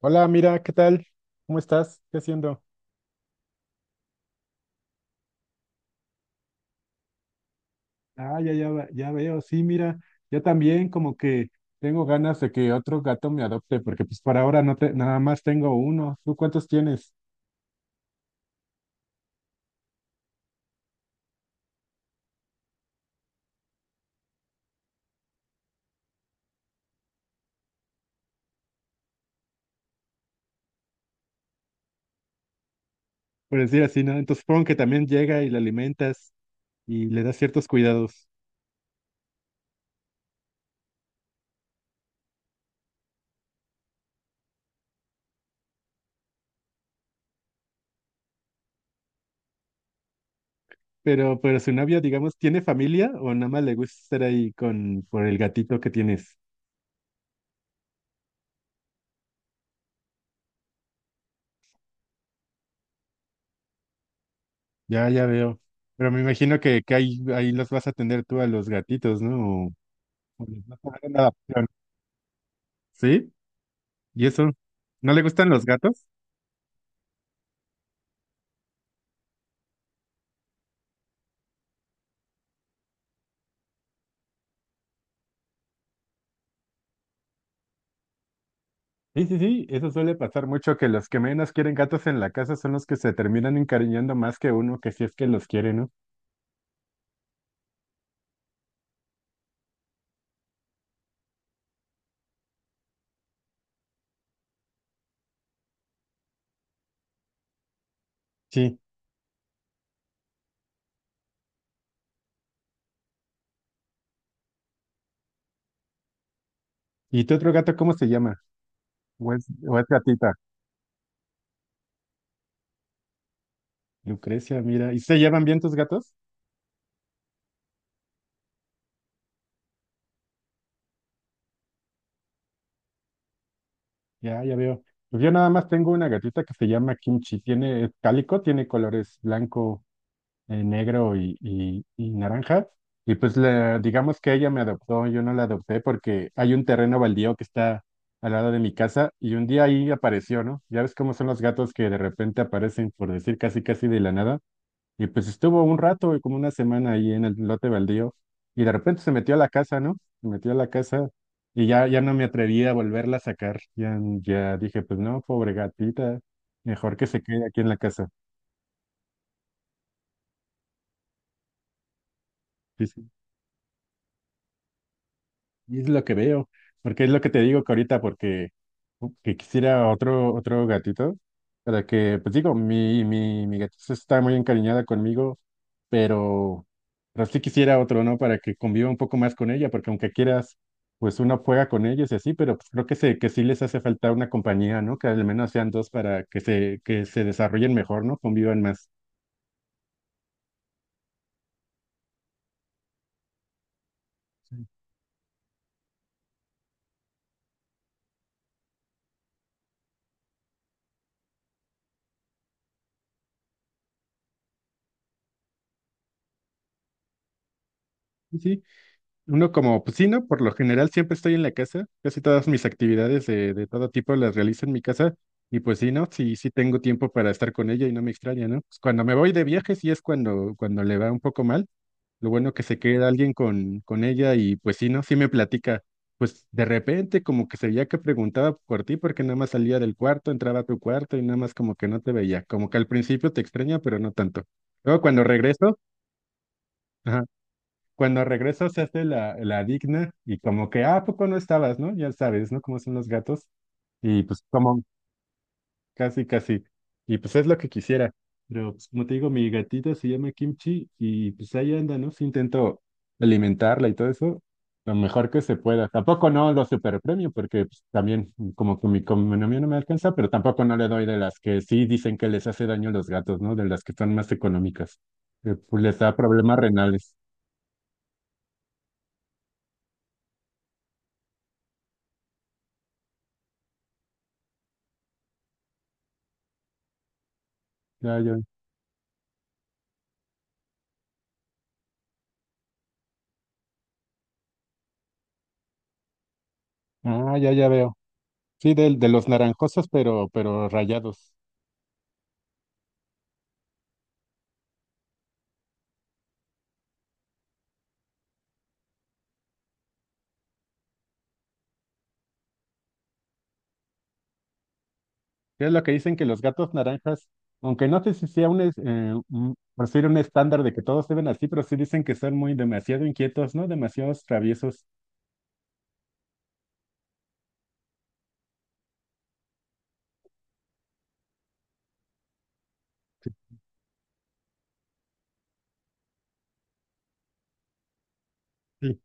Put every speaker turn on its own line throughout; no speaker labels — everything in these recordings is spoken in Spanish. Hola, mira, ¿qué tal? ¿Cómo estás? ¿Qué haciendo? Ah, ya, ya, ya veo, sí, mira, yo también como que tengo ganas de que otro gato me adopte, porque pues por ahora nada más tengo uno. ¿Tú cuántos tienes? Por decir así, ¿no? Entonces supongo que también llega y le alimentas y le das ciertos cuidados. Pero su novia, digamos, ¿tiene familia o nada más le gusta estar ahí con, por el gatito que tienes? Ya, ya veo. Pero me imagino que ahí, ahí los vas a atender tú a los gatitos, ¿no? O les vas a dar en adopción. ¿Sí? ¿Y eso? ¿No le gustan los gatos? Sí, sí, sí, eso suele pasar mucho, que los que menos quieren gatos en la casa son los que se terminan encariñando más que uno, que si es que los quiere, ¿no? Sí. ¿Y tu otro gato cómo se llama? O es gatita? Lucrecia, mira. ¿Y se llevan bien tus gatos? Ya, ya veo. Pues yo nada más tengo una gatita que se llama Kimchi. Tiene, es cálico, tiene colores blanco, negro y naranja. Y pues digamos que ella me adoptó, yo no la adopté porque hay un terreno baldío que está al lado de mi casa y un día ahí apareció, ¿no? Ya ves cómo son los gatos que de repente aparecen, por decir casi casi de la nada. Y pues estuvo un rato, como una semana ahí en el lote baldío y de repente se metió a la casa, ¿no? Se metió a la casa y ya, ya no me atreví a volverla a sacar. Ya, ya dije, pues no, pobre gatita, mejor que se quede aquí en la casa. Sí, sí. Y es lo que veo, porque es lo que te digo que ahorita, porque que quisiera otro, otro gatito, para que, pues digo, mi gatita está muy encariñada conmigo, pero, pero sí quisiera otro, ¿no? Para que conviva un poco más con ella, porque aunque quieras, pues uno juega con ellos y así, pero pues creo que sí les hace falta una compañía, ¿no? Que al menos sean dos para que se desarrollen mejor, ¿no? Convivan más. Sí, uno como, pues sí, ¿no? Por lo general siempre estoy en la casa, casi todas mis actividades de todo tipo las realizo en mi casa y pues sí, ¿no? Sí, sí tengo tiempo para estar con ella y no me extraña, ¿no? Pues cuando me voy de viaje sí es cuando, cuando le va un poco mal, lo bueno que se queda alguien con ella y pues sí, ¿no? Sí me platica, pues de repente como que se veía que preguntaba por ti porque nada más salía del cuarto, entraba a tu cuarto y nada más como que no te veía, como que al principio te extraña, pero no tanto. Luego cuando regreso... Ajá, cuando regreso se hace la, la digna y como que, ah, ¿a poco no estabas, ¿no? Ya sabes, ¿no? Cómo son los gatos. Y pues como, casi, casi. Y pues es lo que quisiera. Pero pues, como te digo, mi gatita se llama Kimchi y pues ahí anda, ¿no? Si intento alimentarla y todo eso, lo mejor que se pueda. Tampoco no lo superpremio porque pues, también como que mi economía no me alcanza, pero tampoco no le doy de las que sí dicen que les hace daño a los gatos, ¿no? De las que son más económicas. Que, pues les da problemas renales. Ya, ya. Ah, ya, ya veo. Sí, de, los naranjosos, pero rayados. Que es lo que dicen que los gatos naranjas, aunque no sé si sea un, un, por decir un estándar de que todos deben así, pero sí dicen que son muy demasiado inquietos, ¿no? Demasiados traviesos. Sí.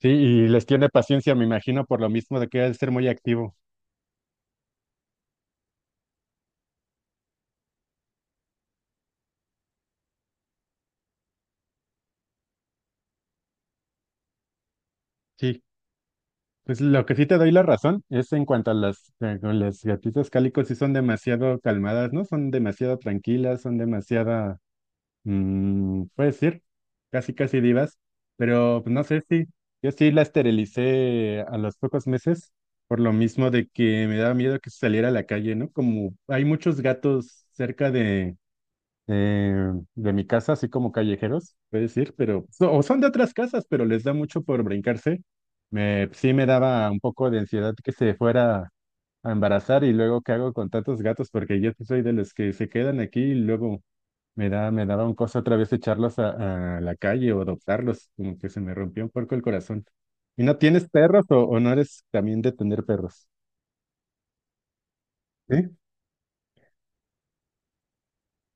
Sí, y les tiene paciencia, me imagino, por lo mismo de que ha de ser muy activo. Sí. Pues lo que sí te doy la razón es en cuanto a las, con las gatitas cálicos, sí son demasiado calmadas, ¿no? Son demasiado tranquilas, son demasiada puede ser, casi casi divas, pero pues, no sé si yo sí la esterilicé a los pocos meses por lo mismo de que me daba miedo que saliera a la calle, ¿no? Como hay muchos gatos cerca de, de mi casa, así como callejeros, puede decir, pero o son de otras casas, pero les da mucho por brincarse. Me, sí me daba un poco de ansiedad que se fuera a embarazar y luego qué hago con tantos gatos porque yo sí soy de los que se quedan aquí y luego me da, me daban cosa otra vez echarlos a la calle o adoptarlos, como que se me rompió un poco el corazón. ¿Y no tienes perros o no eres también de tener perros? Sí,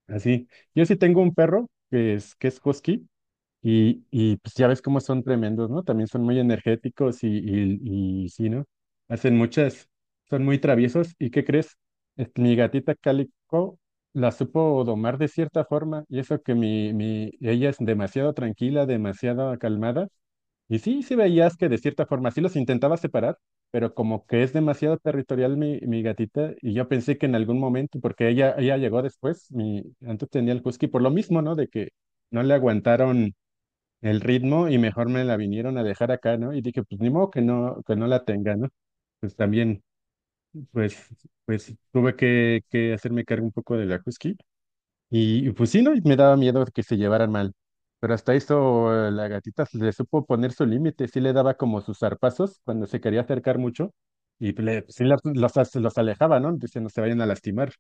así. Yo sí tengo un perro que es husky, y pues ya ves cómo son tremendos, ¿no? También son muy energéticos y sí, ¿no? Hacen muchas, son muy traviesos. ¿Y qué crees? Este, mi gatita cálico la supo domar de cierta forma y eso que ella es demasiado tranquila, demasiado calmada. Y sí, sí veías que de cierta forma sí los intentaba separar, pero como que es demasiado territorial mi gatita, y yo pensé que en algún momento, porque ella llegó después, mi, antes tenía el husky, por lo mismo, ¿no? De que no le aguantaron el ritmo y mejor me la vinieron a dejar acá, ¿no? Y dije, pues ni modo que no la tenga, ¿no? Pues también, pues, pues tuve que hacerme cargo un poco de la husky y pues sí, ¿no? Y me daba miedo que se llevaran mal. Pero hasta eso, la gatita se le supo poner su límite, sí le daba como sus zarpazos cuando se quería acercar mucho y pues, le, pues, sí los alejaba, ¿no? Dice, no se vayan a lastimar.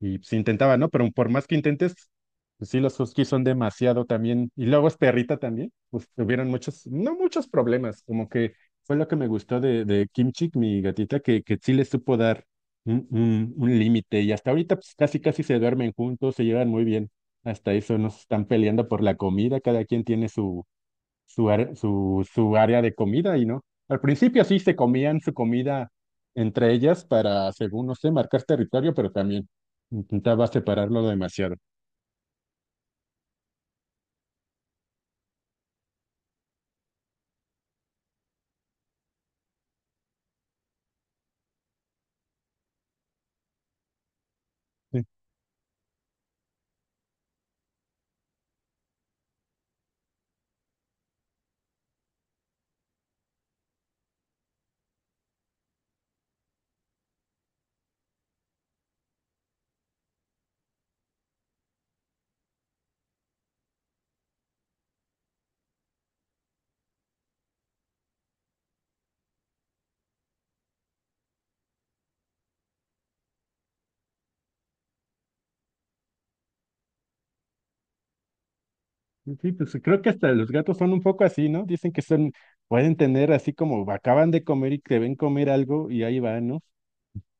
Y pues intentaba, ¿no? Pero por más que intentes, pues, sí, los huskies son demasiado también. Y luego es perrita también, pues tuvieron muchos, no muchos problemas, como que fue lo que me gustó de Kim Chick, mi gatita, que sí le supo dar un límite. Y hasta ahorita pues, casi casi se duermen juntos, se llevan muy bien. Hasta eso nos están peleando por la comida, cada quien tiene su, su área de comida y no. Al principio sí se comían su comida entre ellas para, según no sé, marcar territorio, pero también intentaba separarlo demasiado. Sí, sí, sí, pues creo que hasta los gatos son un poco así, ¿no? Dicen que son, pueden tener así como acaban de comer y te ven comer algo y ahí van, ¿no?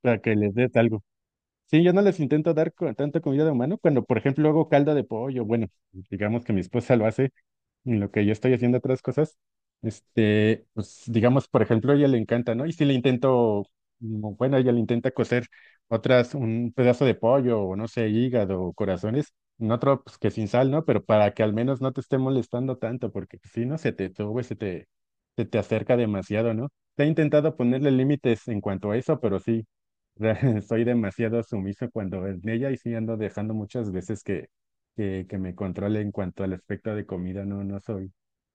Para que les des algo. Sí, yo no les intento dar tanta comida de humano cuando, por ejemplo, hago caldo de pollo. Bueno, digamos que mi esposa lo hace en lo que yo estoy haciendo otras cosas, este, pues digamos, por ejemplo, a ella le encanta, ¿no? Y si le intento, bueno, ella le intenta cocer otras, un pedazo de pollo o no sé, hígado o corazones, en otro, pues que sin sal, ¿no? Pero para que al menos no te esté molestando tanto, porque pues, si no, se te sube, se te acerca demasiado, ¿no? Te he intentado ponerle límites en cuanto a eso, pero sí, soy demasiado sumiso cuando en ella y sí ando dejando muchas veces que que me controle en cuanto al aspecto de comida, no, no soy,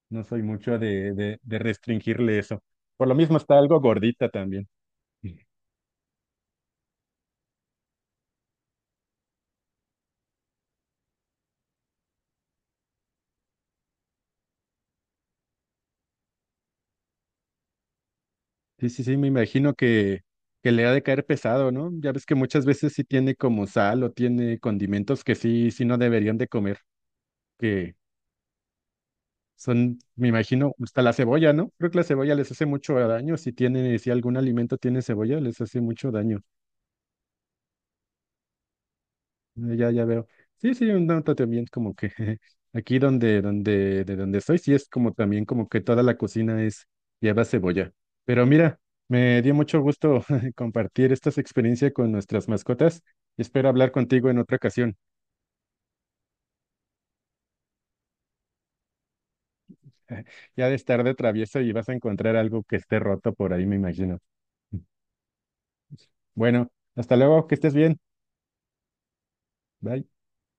no soy mucho de, de restringirle eso. Por lo mismo está algo gordita también. Sí, sí, sí, me imagino que le ha de caer pesado, ¿no? Ya ves que muchas veces sí tiene como sal o tiene condimentos que sí, sí no deberían de comer, que son, me imagino, hasta la cebolla, ¿no? Creo que la cebolla les hace mucho daño, si tiene, si algún alimento tiene cebolla, les hace mucho daño. Ah, ya, ya veo. Sí, sí, un dato también como que aquí donde, donde, de donde soy, sí es como también como que toda la cocina es lleva cebolla. Pero mira, me dio mucho gusto compartir estas experiencias con nuestras mascotas y espero hablar contigo en otra ocasión. Ya de estar de travieso y vas a encontrar algo que esté roto por ahí, me imagino. Bueno, hasta luego, que estés bien. Bye.